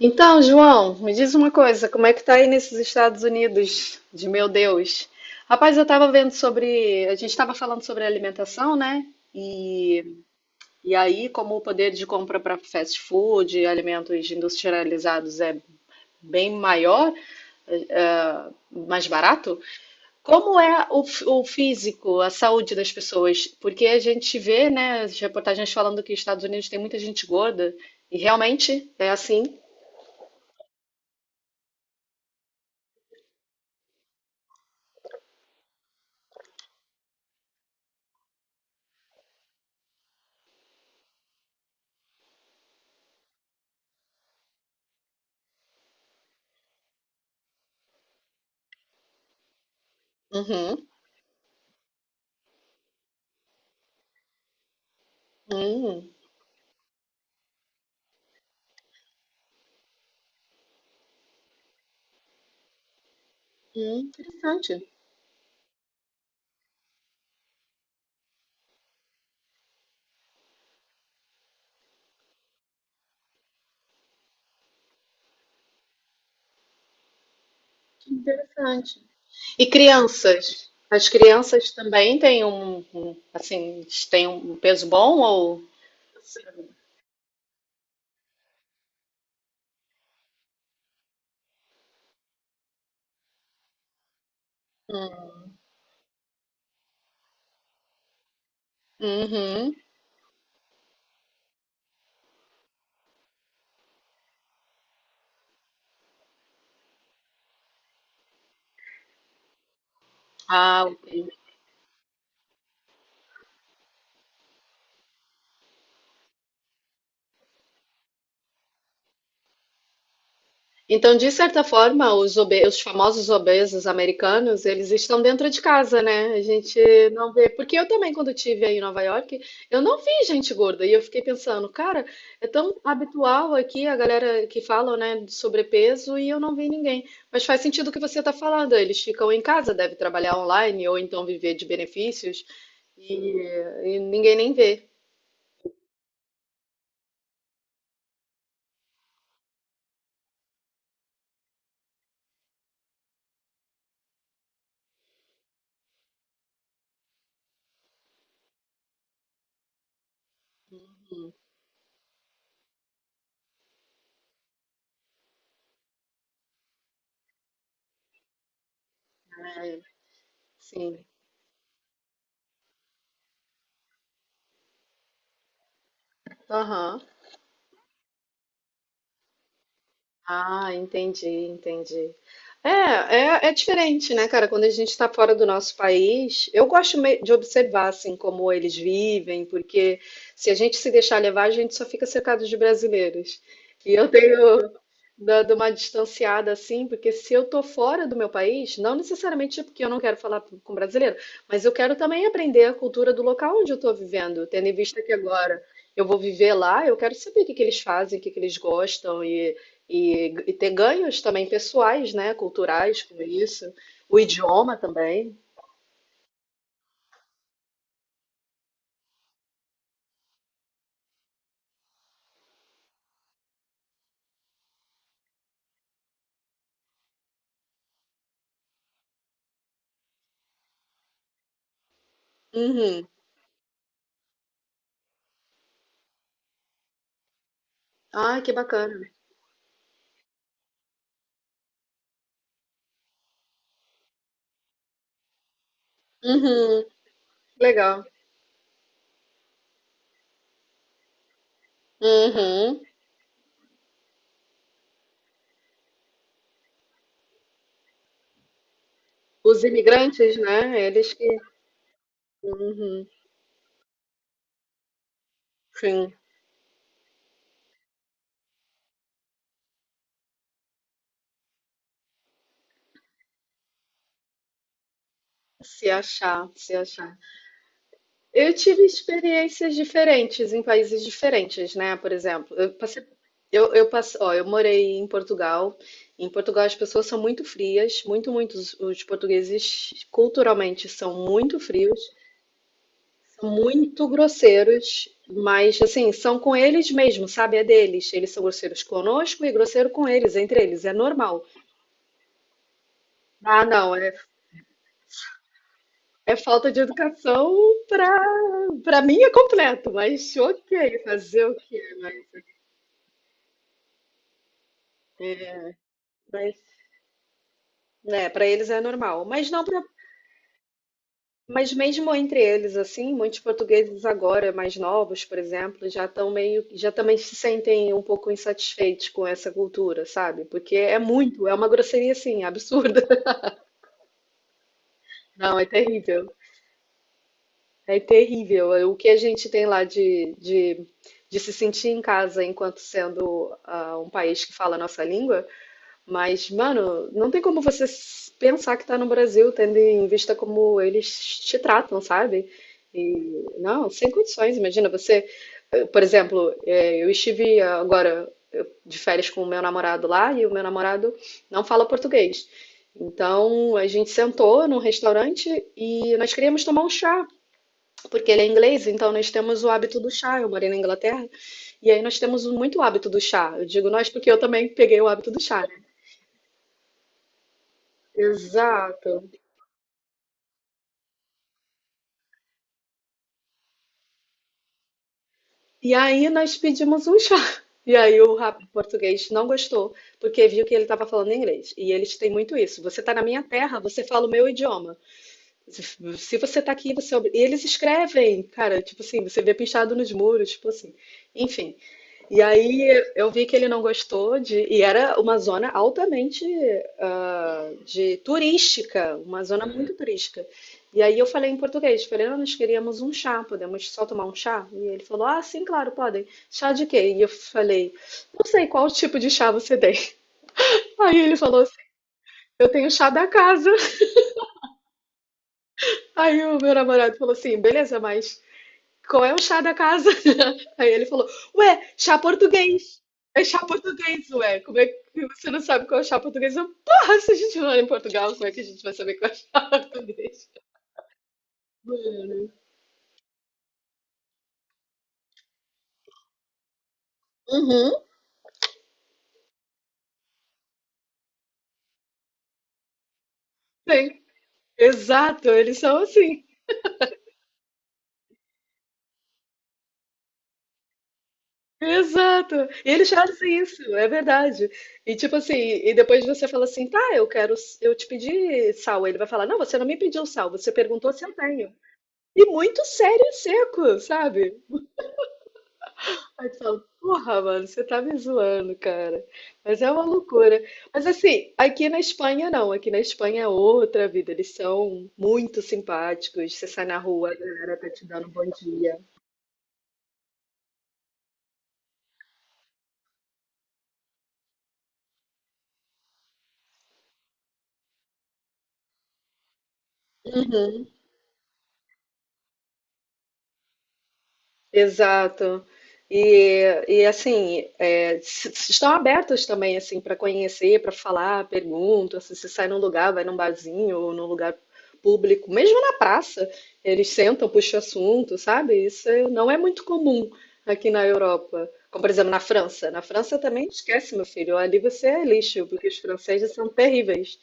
Então, João, me diz uma coisa, como é que tá aí nesses Estados Unidos? De meu Deus. Rapaz, eu tava vendo sobre, a gente tava falando sobre alimentação, né? E, e aí, como o poder de compra para fast food, alimentos industrializados é bem maior, eh, eh, mais barato, como é o, o físico, a saúde das pessoas? Porque a gente vê, né, as reportagens falando que os Estados Unidos tem muita gente gorda, e realmente é assim. Uhum. Hum. É interessante, que interessante. E crianças? As crianças também têm assim, têm um peso bom ou? Uhum. Ah, então, de certa forma, os, os famosos obesos americanos, eles estão dentro de casa, né? A gente não vê. Porque eu também, quando tive aí em Nova York, eu não vi gente gorda. E eu fiquei pensando, cara, é tão habitual aqui a galera que fala, né, de sobrepeso e eu não vi ninguém. Mas faz sentido o que você está falando. Eles ficam em casa, devem trabalhar online ou então viver de benefícios e, e ninguém nem vê. É, sim. Aham. Ah, entendi, entendi. É, é, é diferente, né, cara? Quando a gente está fora do nosso país, eu gosto de observar, assim, como eles vivem, porque se a gente se deixar levar, a gente só fica cercado de brasileiros. E eu tenho dado uma distanciada, assim, porque se eu tô fora do meu país, não necessariamente é porque eu não quero falar com brasileiro, mas eu quero também aprender a cultura do local onde eu estou vivendo, tendo em vista que agora eu vou viver lá, eu quero saber o que que eles fazem, o que que eles gostam e ter ganhos também pessoais, né? Culturais com isso. O idioma também. Uhum. Ai, que bacana. Uhum. Legal. Uhum. Os imigrantes, né? Eles que. Uhum. Sim. Se achar, se achar. Eu tive experiências diferentes em países diferentes, né? Por exemplo, eu passei, ó, eu morei em Portugal. Em Portugal as pessoas são muito frias, muito, muito. Os portugueses culturalmente são muito frios. Muito grosseiros, mas assim, são com eles mesmo, sabe? É deles. Eles são grosseiros conosco e grosseiro com eles, entre eles, é normal. Ah, não, é, é falta de educação pra, pra mim é completo, mas ok, fazer o quê? Mas, é, mas né, pra eles é normal. Mas não pra, mas mesmo entre eles, assim, muitos portugueses agora, mais novos, por exemplo, já estão meio, já também se sentem um pouco insatisfeitos com essa cultura, sabe? Porque é muito, é uma grosseria, assim, absurda. Não, é terrível. É terrível. O que a gente tem lá de se sentir em casa enquanto sendo um país que fala a nossa língua, mas, mano, não tem como você pensar que tá no Brasil, tendo em vista como eles te tratam, sabe? E, não, sem condições. Imagina você, por exemplo, eu estive agora de férias com o meu namorado lá e o meu namorado não fala português. Então a gente sentou num restaurante e nós queríamos tomar um chá, porque ele é inglês, então nós temos o hábito do chá. Eu morei na Inglaterra e aí nós temos muito hábito do chá. Eu digo nós porque eu também peguei o hábito do chá. Exato. E aí nós pedimos um chá. E aí o rapaz português não gostou, porque viu que ele estava falando inglês. E eles têm muito isso. Você está na minha terra, você fala o meu idioma. Se se você está aqui, você. É e eles escrevem, cara, tipo assim, você vê pichado nos muros, tipo assim. Enfim. E aí eu vi que ele não gostou de. E era uma zona altamente de turística, uma zona muito, uhum, turística. E aí eu falei em português, falei: "Ah, nós queríamos um chá, podemos só tomar um chá?" E ele falou: "Ah, sim, claro, podem. Chá de quê?" E eu falei: "Não sei qual tipo de chá você tem." Aí ele falou assim: "Eu tenho chá da casa." Aí o meu namorado falou assim: "Beleza, mas qual é o chá da casa?" Aí ele falou: "Ué, chá português." É chá português, ué. Como é que você não sabe qual é o chá português? Eu, porra, se a gente não mora em Portugal, como é que a gente vai saber qual é o chá português? Uhum. Sim, exato, eles são assim. Exato. E eles fazem isso, é verdade. E tipo assim, e depois você fala assim: "Tá, eu quero, eu te pedi sal." Ele vai falar: "Não, você não me pediu sal, você perguntou se eu tenho." E muito sério e seco, sabe? Aí tu fala: "Porra, mano, você tá me zoando, cara." Mas é uma loucura. Mas assim, aqui na Espanha não. Aqui na Espanha é outra vida. Eles são muito simpáticos. Você sai na rua, a galera tá te dando bom dia. Exato. E assim, é, estão abertos também assim para conhecer, para falar, pergunta, assim, se sai num lugar, vai num barzinho ou num lugar público, mesmo na praça, eles sentam, puxam assunto, sabe? Não é muito comum aqui na Europa. Como, por exemplo, na França. Na França também esquece, meu filho. Ali você é lixo, porque os franceses são terríveis.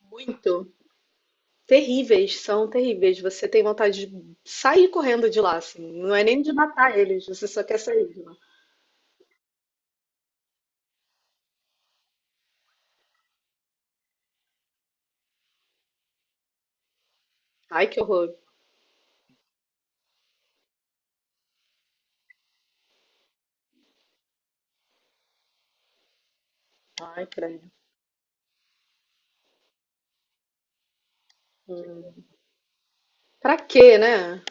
Muito. Terríveis, são terríveis. Você tem vontade de sair correndo de lá, assim. Não é nem de matar eles, você só quer sair de lá. Ai, que horror. Ai, credo. Pra quê, né?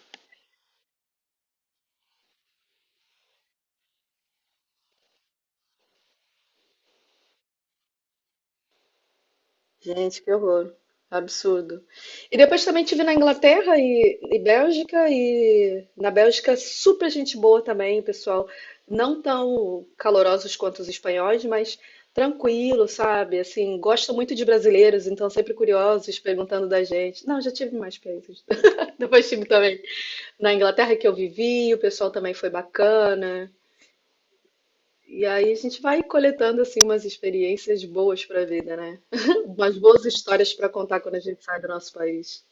Gente, que horror. Absurdo. E depois também tive na Inglaterra e Bélgica, e na Bélgica super gente boa também, pessoal. Não tão calorosos quanto os espanhóis, mas tranquilo, sabe? Assim, gosto muito de brasileiros, então sempre curiosos, perguntando da gente. Não, já tive mais países. Depois tive também na Inglaterra que eu vivi, o pessoal também foi bacana. E aí a gente vai coletando assim umas experiências boas para a vida, né? Umas boas histórias para contar quando a gente sai do nosso país.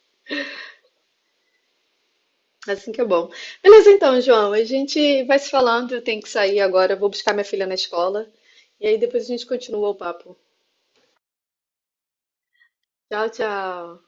Assim que é bom. Beleza, então, João, a gente vai se falando. Eu tenho que sair agora, eu vou buscar minha filha na escola. E aí depois a gente continua o papo. Tchau, tchau.